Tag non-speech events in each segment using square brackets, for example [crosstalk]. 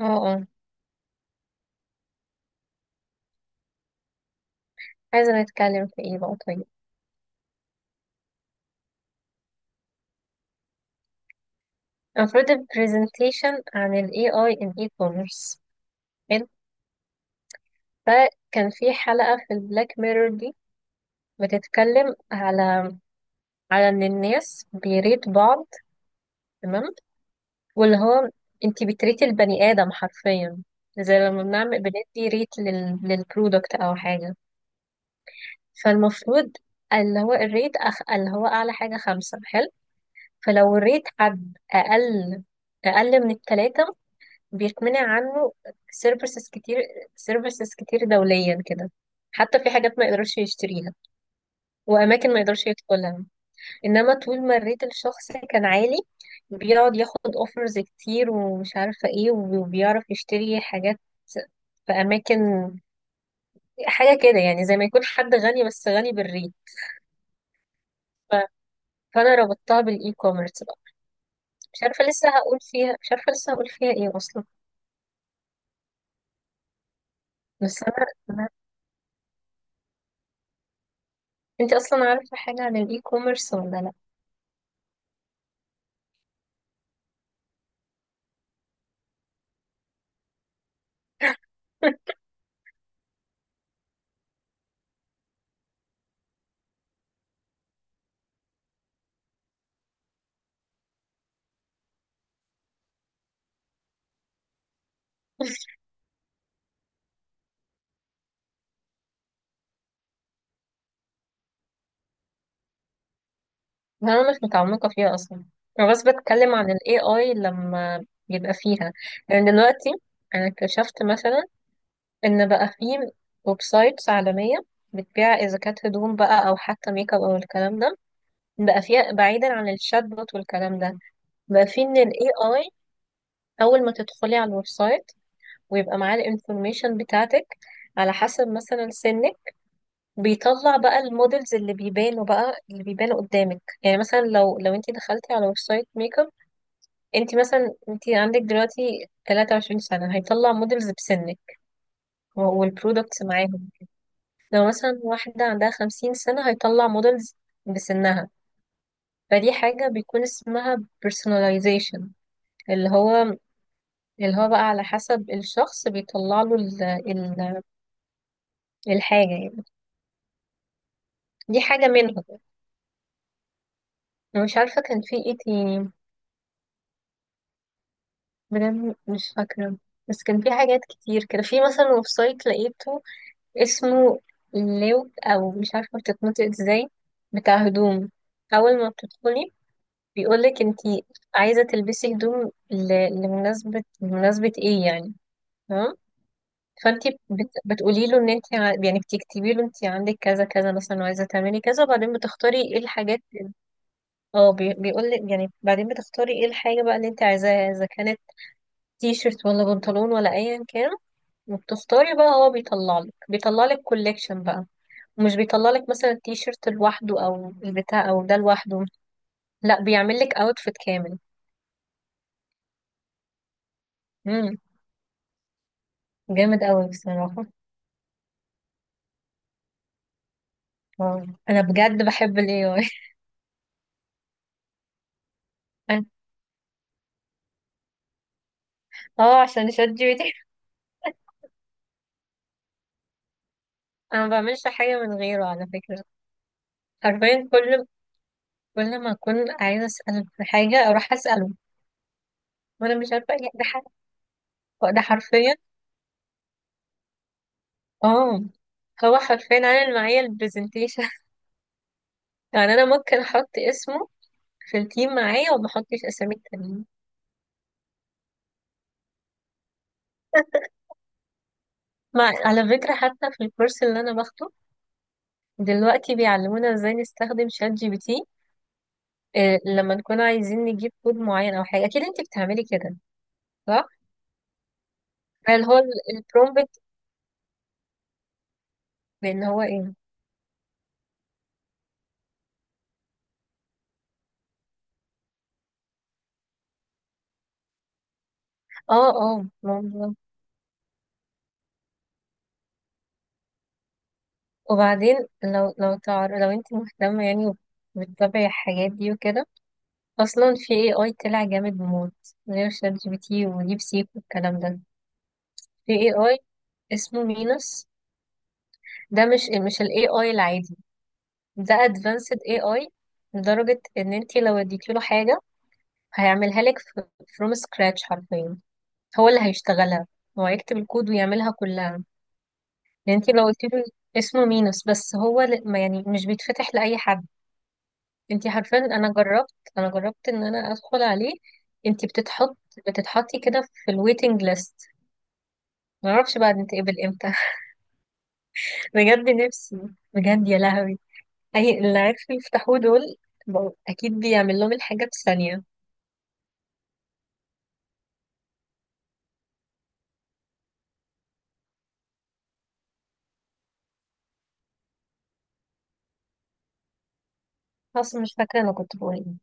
اه اه، عايزة نتكلم في ايه بقى طيب؟ المفروض البرزنتيشن عن ال AI in e-commerce. حلو. فكان في حلقة في البلاك ميرور دي بتتكلم على ان الناس بيريد بعض. تمام. واللي هو انتي بتريتي البني ادم حرفيا، زي لما بنعمل بندي ريت للبرودكت او حاجة. فالمفروض اللي هو الريت اللي هو اعلى حاجة خمسة. حلو. فلو الريت حد اقل من التلاتة، بيتمنع عنه سيرفيسز كتير، سيرفيسز كتير دوليا كده. حتى في حاجات ما يقدرش يشتريها، وأماكن ما يقدرش يدخلها. إنما طول ما الريت الشخص كان عالي، بيقعد ياخد اوفرز كتير ومش عارفة ايه، وبيعرف يشتري حاجات في أماكن. حاجة كده يعني، زي ما يكون حد غني، بس غني بالريت. ف- فأنا ربطتها بالإي كوميرس بقى. مش عارفة لسه هقول فيها مش عارفة لسه هقول فيها ايه أصلا. بس أنا- أنت أصلا عارفة حاجة عن الإي كوميرس ولا؟ لأ؟ [laughs] أنا مش متعمقة فيها أصلا. أنا بس بتكلم عن ال AI لما يبقى فيها، يعني دلوقتي أنا اكتشفت مثلا إن بقى فيه ويب سايتس عالمية بتبيع، إذا كانت هدوم بقى أو حتى ميك أب أو الكلام ده، بقى فيها بعيدا عن الشات بوت والكلام ده. بقى فيه إن ال AI أول ما تدخلي على الويب سايت، ويبقى معاه الانفورميشن بتاعتك على حسب مثلا سنك. بيطلع بقى المودلز اللي بيبانوا قدامك، يعني مثلا لو انت دخلتي على ويب سايت ميك اب، انت مثلا انت عندك دلوقتي 23 سنة، هيطلع موديلز بسنك والبرودكتس معاهم. لو مثلا واحدة عندها 50 سنة، هيطلع موديلز بسنها. فدي حاجة بيكون اسمها personalization. اللي هو اللي هو بقى على حسب الشخص بيطلع له الحاجة يعني. دي حاجة منهم. انا مش عارفة كان في ايه تاني، بجد مش فاكرة. بس كان في حاجات كتير كده. في مثلا ويب سايت لقيته، اسمه لوك او مش عارفه بتتنطق ازاي، بتاع هدوم. اول ما بتدخلي، بيقولك انتي عايزه تلبسي هدوم لمناسبه ايه يعني. تمام. فانتي بتقولي له ان يعني بتكتبي له انتي عندك كذا كذا مثلا وعايزه تعملي كذا، وبعدين بتختاري ايه الحاجات. اه، بيقولك يعني، بعدين بتختاري ايه الحاجه بقى اللي انتي عايزاها، اذا كانت تي شيرت ولا بنطلون ولا ايا كان. وبتختاري بقى، هو بيطلعلك كوليكشن بقى. مش بيطلع لك مثلا التيشيرت لوحده او البتاع او ده لوحده، لا، بيعمل لك اوتفيت كامل. امم جامد قوي بصراحه. اه، انا بجد بحب الاي اي. [laughs] أنا- اه، عشان شات جي بي تي. [laughs] انا ما بعملش حاجه من غيره على فكره، حرفيا كل ما اكون عايزه اساله في حاجه، اروح اساله. وانا مش عارفه ايه ده، حاجه. ده حرفيا. اه، هو حرفيا عامل معايا البرزنتيشن. [laughs] يعني انا ممكن احط اسمه في التيم معايا، وما احطش اسامي التانيين. مع على فكرة حتى في الكورس اللي أنا باخده دلوقتي، بيعلمونا ازاي نستخدم شات جي بي تي. إيه، لما نكون عايزين نجيب كود معين أو حاجة، أكيد أنت بتعملي كده، صح؟ اللي هو البرومبت، بإن هو إيه؟ اه، اه، ممكن. وبعدين، لو أنت مهتمة يعني، وبتتابعي الحاجات دي وكده، أصلا في اي اي طلع جامد موت، غير شات جي بي تي وديب سيك والكلام ده. في اي اي اسمه مينوس. ده مش الاي اي العادي. ده advanced AI، لدرجة ان انتي لو اديتي له حاجة هيعملها لك from scratch حرفيا. هو اللي هيشتغلها، هو هيكتب الكود ويعملها كلها. يعني انتي لو قلت له، اسمه مينوس بس هو ما يعني مش بيتفتح لأي حد. انتي حرفيا، انا جربت ان انا ادخل عليه. انتي بتتحطي كده في الويتنج ليست. معرفش بقى نتقبل امتى. [laughs] بجد نفسي، بجد يا لهوي. اي اللي عرفوا يفتحوه دول، بقوا اكيد بيعمل لهم الحاجة في ثانية. خلاص مش فاكرة أنا كنت بقول إيه.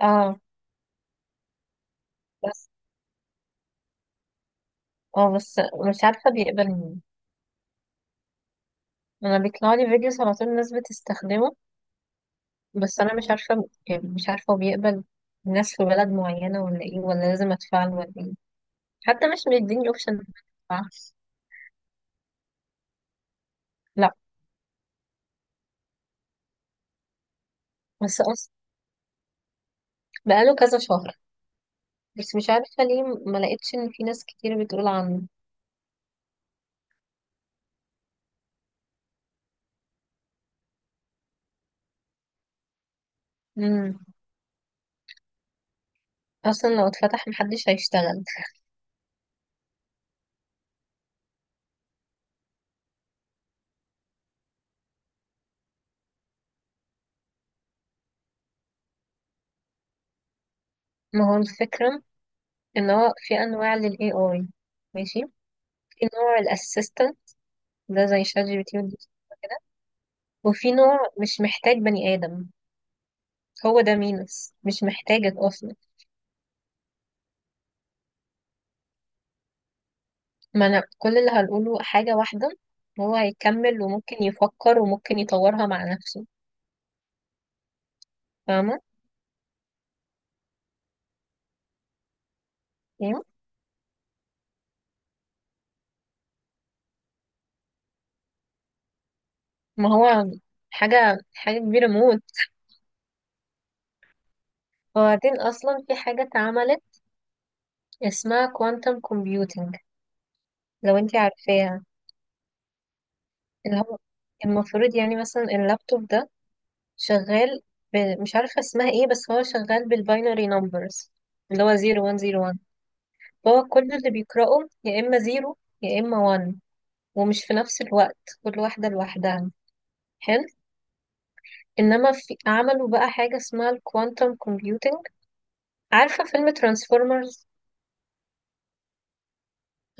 اه بس اه، بس مش عارفة بيقبل مين. أنا بيطلع لي فيديوز على طول، الناس بتستخدمه. بس أنا مش عارفة يعني مش عارفة هو بيقبل الناس في بلد معينة ولا إيه، ولا لازم أدفع له ولا إيه. حتى مش مديني أوبشن. لا. بس أصلا بقاله كذا شهر. بس مش عارفة ليه ما لقيتش إن في ناس كتير بتقول عنه. مم. أصلا لو اتفتح محدش هيشتغل. ما هو الفكرة إن هو في أنواع لل AI. ماشي. في نوع الأسيستنت، ده زي شات جي بي تي والديب سيك كده. وفي نوع مش محتاج بني آدم، هو ده مينوس، مش محتاجك أصلا. ما أنا كل اللي هنقوله حاجة واحدة، هو هيكمل وممكن يفكر وممكن يطورها مع نفسه. فاهمة؟ يعني ما هو، حاجة حاجة كبيرة موت. وبعدين أصلا في حاجة اتعملت اسمها كوانتم كومبيوتينج. لو انتي عارفاها، اللي هو المفروض يعني مثلا اللابتوب ده شغال، ب... مش عارفة اسمها ايه، بس هو شغال بالباينري نمبرز، اللي هو 0101. فهو كل اللي بيقرأه، يا إما 0 يا إما 1، ومش في نفس الوقت، كل واحدة لوحدها. حلو. إنما عملوا بقى حاجة اسمها الكوانتم كومبيوتنج. عارفة فيلم ترانسفورمرز؟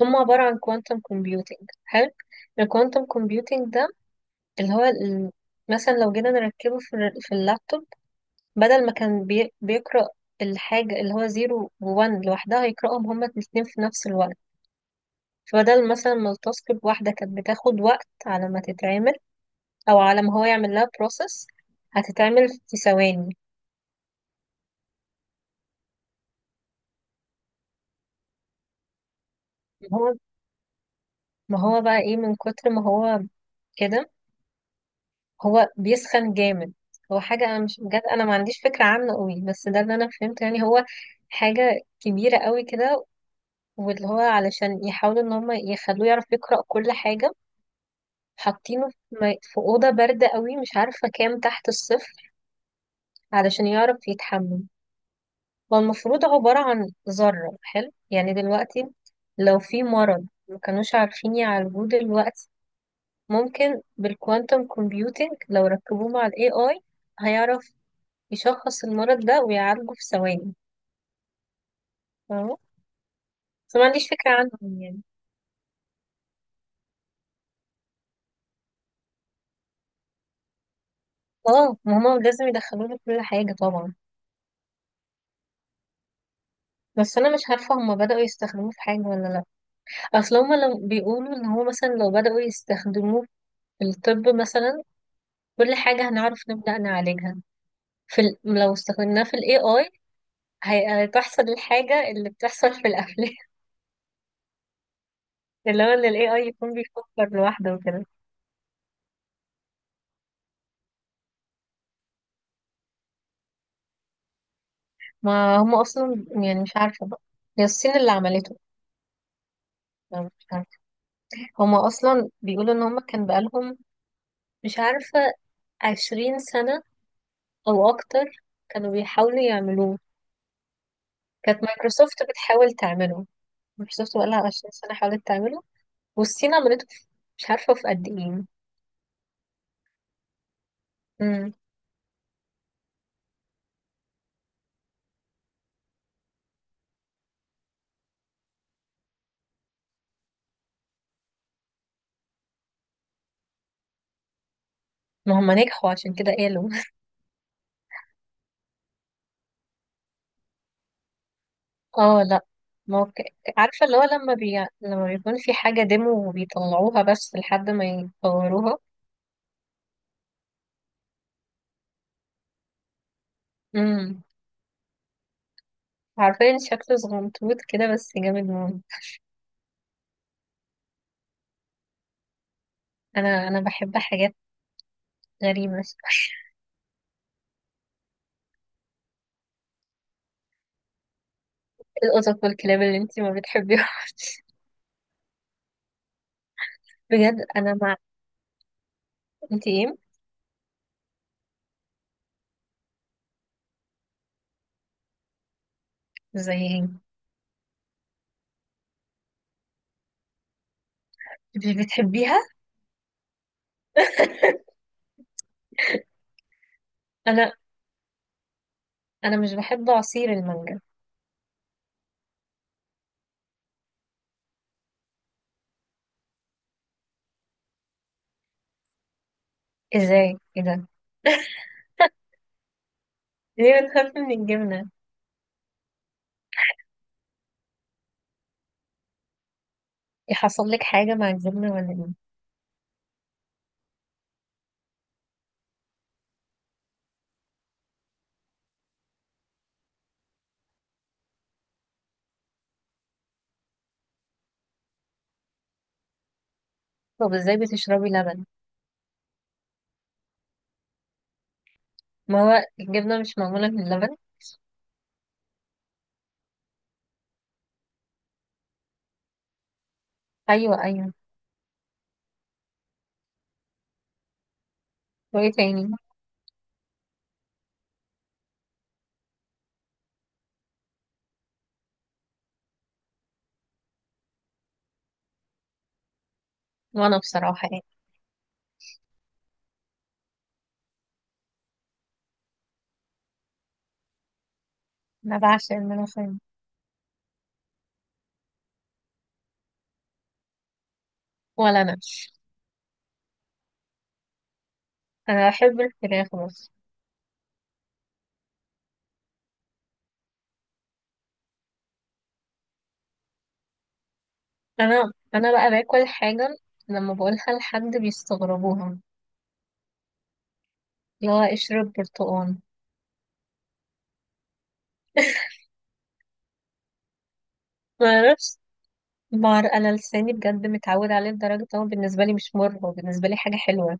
هم عبارة عن كوانتم كومبيوتنج. حلو. الكوانتم كومبيوتنج ده، اللي هو مثلا لو جينا نركبه في اللابتوب، بدل ما كان بيقرأ الحاجة اللي هو زيرو وون لوحدها، هيقرأهم هما الاتنين في نفس الوقت. فبدل مثلا ما التاسك الواحدة كانت بتاخد وقت على ما تتعمل، أو على ما هو يعمل لها بروسس، هتتعمل في ثواني. ما هو ما هو بقى ايه، من كتر ما هو كده، هو بيسخن جامد. هو حاجة أنا مش، بجد أنا ما عنديش فكرة عامة قوي، بس ده اللي أنا فهمته يعني، هو حاجة كبيرة قوي كده. واللي هو علشان يحاولوا إن هما يخلوه يعرف يقرأ كل حاجة، حاطينه في أوضة باردة قوي، مش عارفة كام تحت الصفر، علشان يعرف يتحمم. هو المفروض عبارة عن ذرة. حلو. يعني دلوقتي لو في مرض ما كانوش عارفين يعالجوه دلوقتي، ممكن بالكوانتم كومبيوتينج لو ركبوه مع ال AI، هيعرف يشخص المرض ده ويعالجه في ثواني. فاهمة؟ بس ما عنديش فكرة عنهم يعني. اه، ما هما لازم يدخلوه في كل حاجة طبعا. بس أنا مش عارفة هما بدأوا يستخدموه في حاجة ولا لأ. اصل هما لو بيقولوا ان هو، مثلا لو بدأوا يستخدموه في الطب مثلا، كل حاجة هنعرف نبدأ نعالجها. لو استخدمناه في الاي اي، هتحصل الحاجة اللي بتحصل في الافلام. [laughs] اللي هو ان الاي اي يكون بيفكر لوحده وكده. ما هم اصلا يعني، مش عارفة بقى. هي الصين اللي عملته، أنا مش عارفة. هما اصلا بيقولوا ان هما كان بقالهم، مش عارفة، 20 سنة او اكتر، كانوا بيحاولوا يعملوه. كانت مايكروسوفت بتحاول تعمله. مايكروسوفت بقالها 20 سنة حاولت تعمله. والصين عملته مش عارفة في قد ايه. امم ما هم نجحوا عشان كده قالوا. [laughs] اه لا، ما هو عارفة، اللي هو لما بيكون في حاجة ديمو وبيطلعوها بس لحد ما يطوروها. امم عارفين شكله صغنطوط كده، بس جامد موت. انا بحب حاجات غريبة [laughs] شوية. القطط والكلاب اللي انتي ما بتحبيهاش. [laughs] بجد انا مع. انتي ايه؟ زي ايه؟ مش بتحبيها؟ [laughs] انا انا مش بحب عصير المانجا. ازاي؟ ايه ده؟ ليه بتخاف من الجبنة؟ يحصل لك حاجة مع الجبنة واللبن؟ طب ازاي بتشربي لبن؟ ما هو الجبنة مش معمولة من اللبن؟ ايوه، ايوه. وايه تاني؟ وانا بصراحة يعني، انا بعشق الملوخية. ولا انا. انا بحب الفراخ بس. انا بقى باكل حاجة لما بقولها لحد بيستغربوها. اللي هو اشرب برتقال. ما اعرفش، بار انا لساني بجد متعود عليه لدرجة ان هو بالنسبة لي مش مر، هو بالنسبة لي حاجة حلوة.